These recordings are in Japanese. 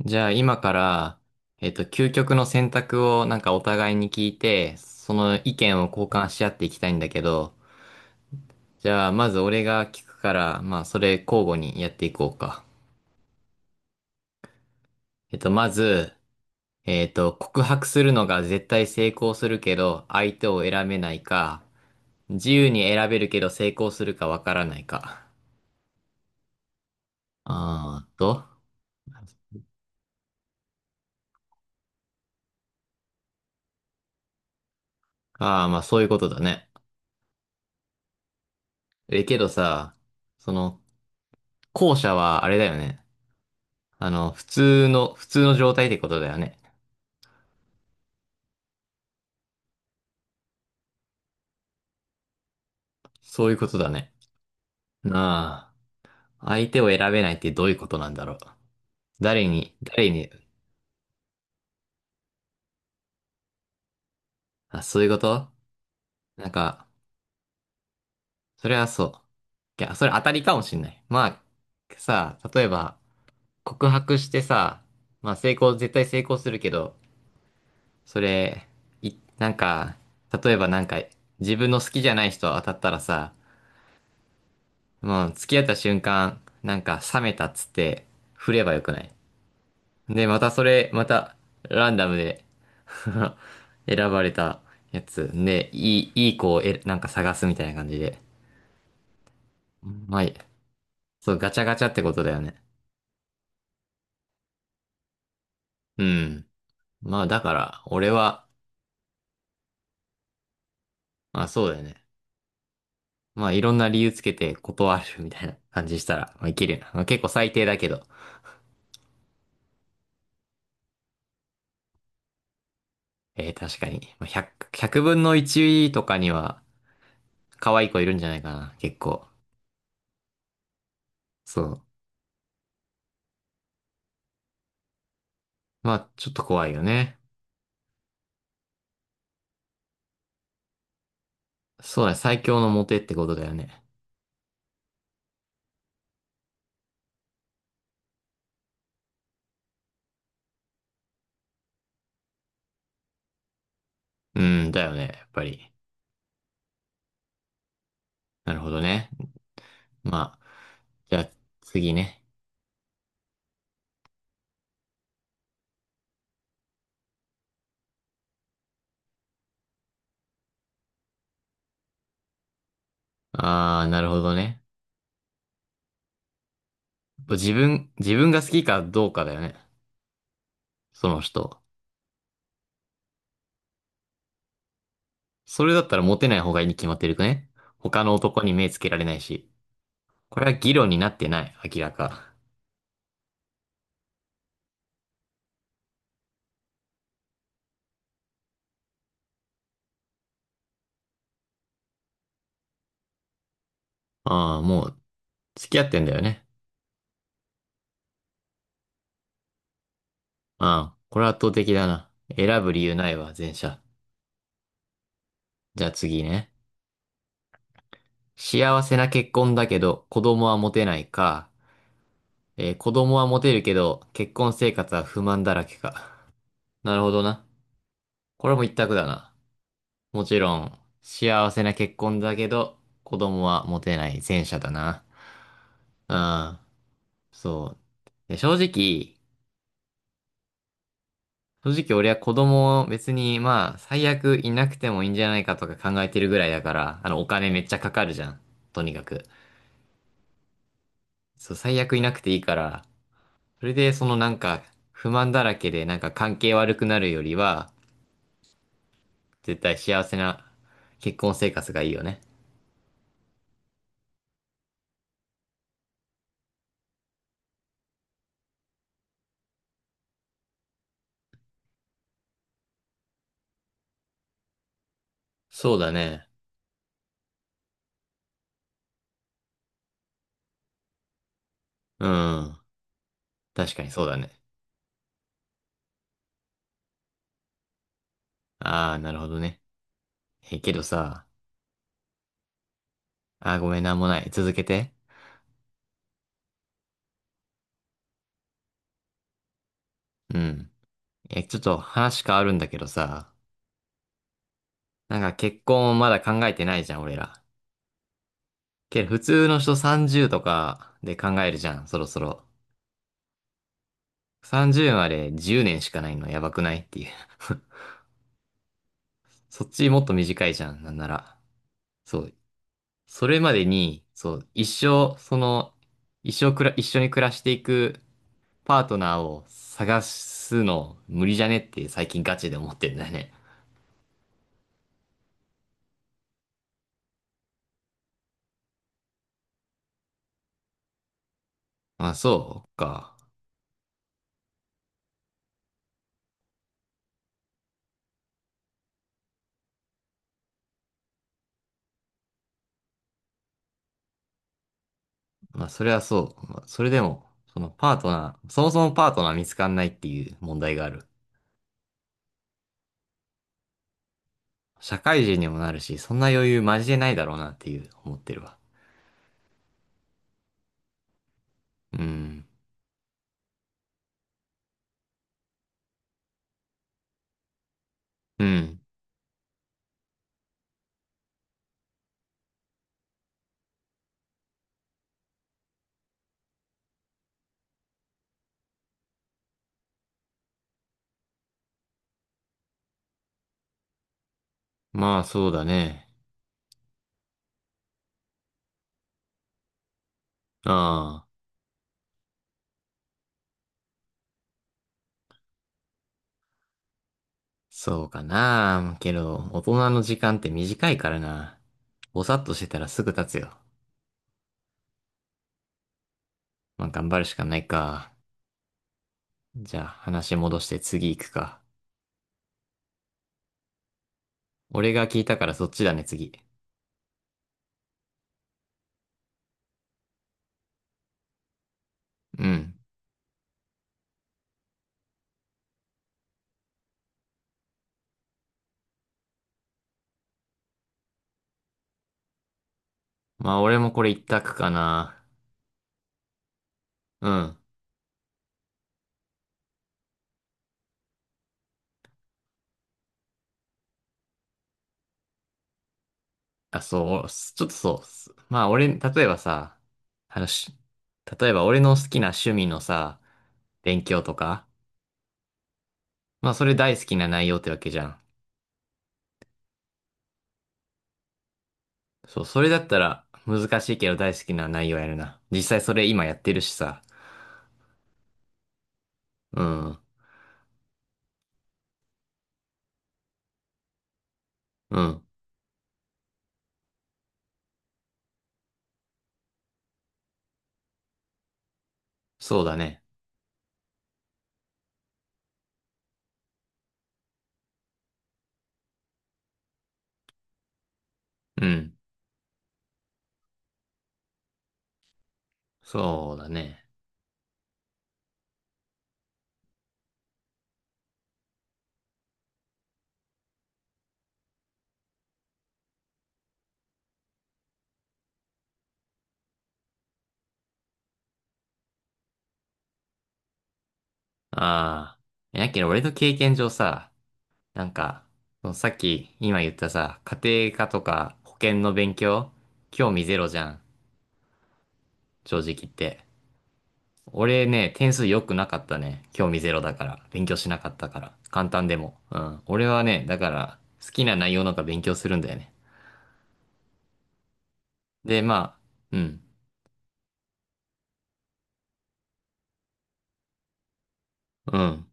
じゃあ今から、究極の選択をなんかお互いに聞いて、その意見を交換し合っていきたいんだけど、じゃあまず俺が聞くから、まあそれ交互にやっていこうか。えっと、まず、えっと、告白するのが絶対成功するけど、相手を選べないか、自由に選べるけど成功するかわからないか。あーと、ああ、まあそういうことだね。え、けどさ、その、後者はあれだよね。あの、普通の状態ってことだよね。そういうことだね。なあ、相手を選べないってどういうことなんだろう。誰に、あ、そういうことなんか、それはそう。いや、それ当たりかもしんない。まあ、さ、例えば、告白してさ、まあ絶対成功するけど、それ、なんか、例えばなんか、自分の好きじゃない人当たったらさ、もう付き合った瞬間、なんか冷めたっつって、振ればよくない。で、またそれ、また、ランダムで 選ばれたやつ。で、いい子をなんか探すみたいな感じで。まあ、そう、ガチャガチャってことだよね。うん。まあ、だから、俺は、まあ、そうだよね。まあ、いろんな理由つけて断るみたいな感じしたら、まあ、いけるよな。まあ、結構最低だけど。確かに。まあ、100分の1とかには、可愛い子いるんじゃないかな、結構。そう。まあ、ちょっと怖いよね。そうだね、最強のモテってことだよね。うん、だよね、やっぱり。なるほどね。まあ、じゃあ次ね。ああ、なるほどね。自分が好きかどうかだよね。その人。それだったらモテない方がいいに決まってるくね。他の男に目つけられないし。これは議論になってない、明らか。ああ、もう、付き合ってんだよね。ああ、これは圧倒的だな。選ぶ理由ないわ、前者。じゃあ次ね。幸せな結婚だけど、子供は持てないか。子供はモテるけど、結婚生活は不満だらけか。なるほどな。これも一択だな。もちろん、幸せな結婚だけど、子供はモテない前者だな。うん。そう。で、正直俺は子供を別に、まあ、最悪いなくてもいいんじゃないかとか考えてるぐらいだから、あの、お金めっちゃかかるじゃん。とにかく。そう、最悪いなくていいから、それでそのなんか、不満だらけでなんか関係悪くなるよりは、絶対幸せな結婚生活がいいよね。そうだね。うん。確かにそうだね。ああ、なるほどね。え、けどさ、ああ、ごめん、なんもない。続けて。うん。え、ちょっと話変わるんだけどさ、なんか結婚をまだ考えてないじゃん、俺ら。けど普通の人30とかで考えるじゃん、そろそろ。30まで10年しかないのやばくないっていう。そっちもっと短いじゃん、なんなら。そう、それまでに、そう、一生、その、一緒に暮らしていくパートナーを探すの無理じゃねって最近ガチで思ってんだよね。まあ、そうか。まあ、それはそう。まあそれでも、そのパートナー、そもそもパートナー見つかんないっていう問題がある。社会人にもなるし、そんな余裕マジでないだろうなっていう思ってるわ。うん。うん。まあ、そうだね。ああ。そうかな。けど、大人の時間って短いからな。ぼさっとしてたらすぐ経つよ。まあ、頑張るしかないか。じゃあ、話戻して次行くか。俺が聞いたからそっちだね、次。うん。まあ、俺もこれ一択かな。うん。あ、そう、ちょっとそう。まあ、俺、例えばさ、話、例えば俺の好きな趣味のさ、勉強とか、まあ、それ大好きな内容ってわけじゃん。そう、それだったら難しいけど大好きな内容やるな。実際それ今やってるしさ。うん、うん、そうだね。うん、そうだね。ああ、やけど俺の経験上さ、なんか、そのさっき今言ったさ、家庭科とか保険の勉強、興味ゼロじゃん、正直言って。俺ね、点数良くなかったね。興味ゼロだから。勉強しなかったから。簡単でも。うん。俺はね、だから、好きな内容なんか勉強するんだよね。で、まあ、うん。うん。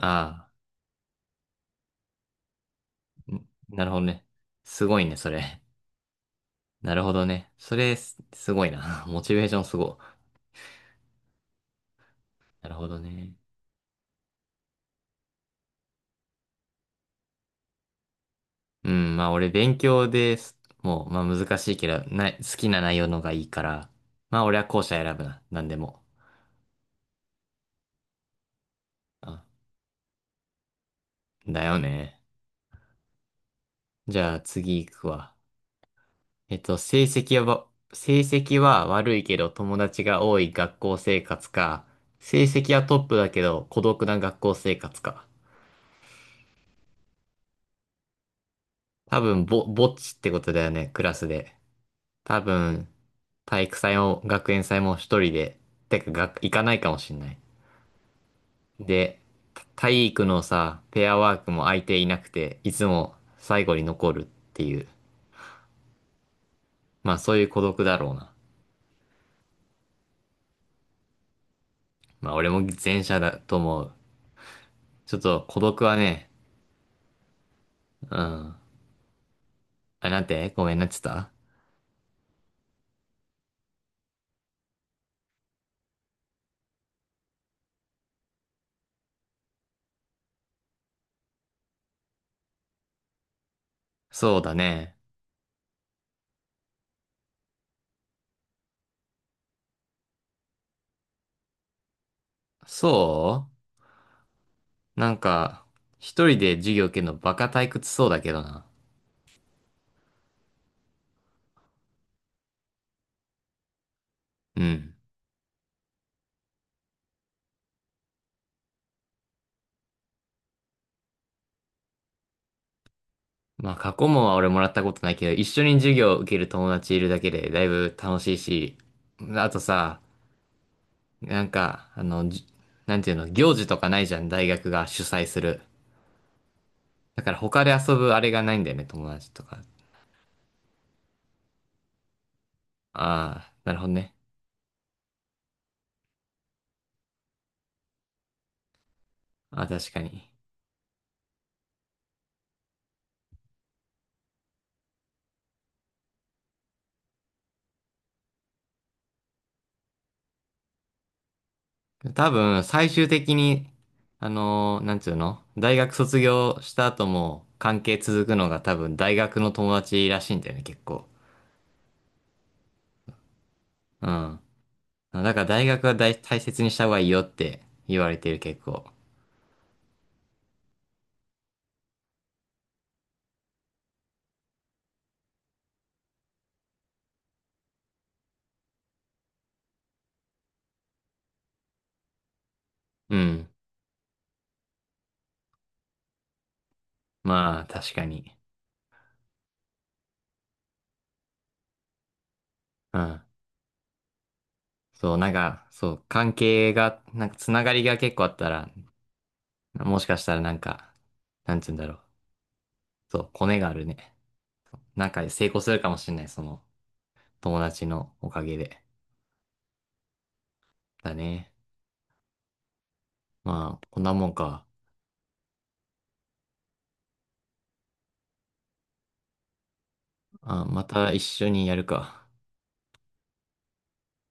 ああ、ん なるほどね。すごいね、それ。なるほどね。それす、すごいな。モチベーションすごい。なるほどね。うん、まあ俺勉強です。もう、まあ難しいけど、な、好きな内容のがいいから、まあ俺は後者選ぶな。なんでも。あ、だよね。じゃあ次行くわ。えっと、成績は、成績は悪いけど友達が多い学校生活か、成績はトップだけど孤独な学校生活か。多分ぼっちってことだよね、クラスで。多分、体育祭も学園祭も一人で、てか学、行かないかもしんない。で、体育のさ、ペアワークも相手いなくて、いつも最後に残るっていう。まあそういう孤独だろうな。まあ俺も前者だと思う。ちょっと孤独はね、うん。あ、なんてごめんなっちゃったそうだね。そうなんか、一人で授業受けるのバカ退屈そうだけどな。うん。まあ、過去問は俺もらったことないけど、一緒に授業を受ける友達いるだけでだいぶ楽しいし、あとさ、なんか、あの、なんていうの、行事とかないじゃん、大学が主催する。だから他で遊ぶあれがないんだよね、友達とか。ああ、なるほどね。ああ、確かに。多分、最終的に、なんていうの、大学卒業した後も関係続くのが多分大学の友達らしいんだよね、結構。うん。だから大学は大切にした方がいいよって言われてる結構。うん。まあ、確かに。うん。そう、なんか、そう、関係が、なんかつながりが結構あったら、もしかしたらなんか、なんつうんだろう。そう、コネがあるね。なんか成功するかもしれない、その友達のおかげで。だね。まあ、こんなもんか。あ、また一緒にやるか。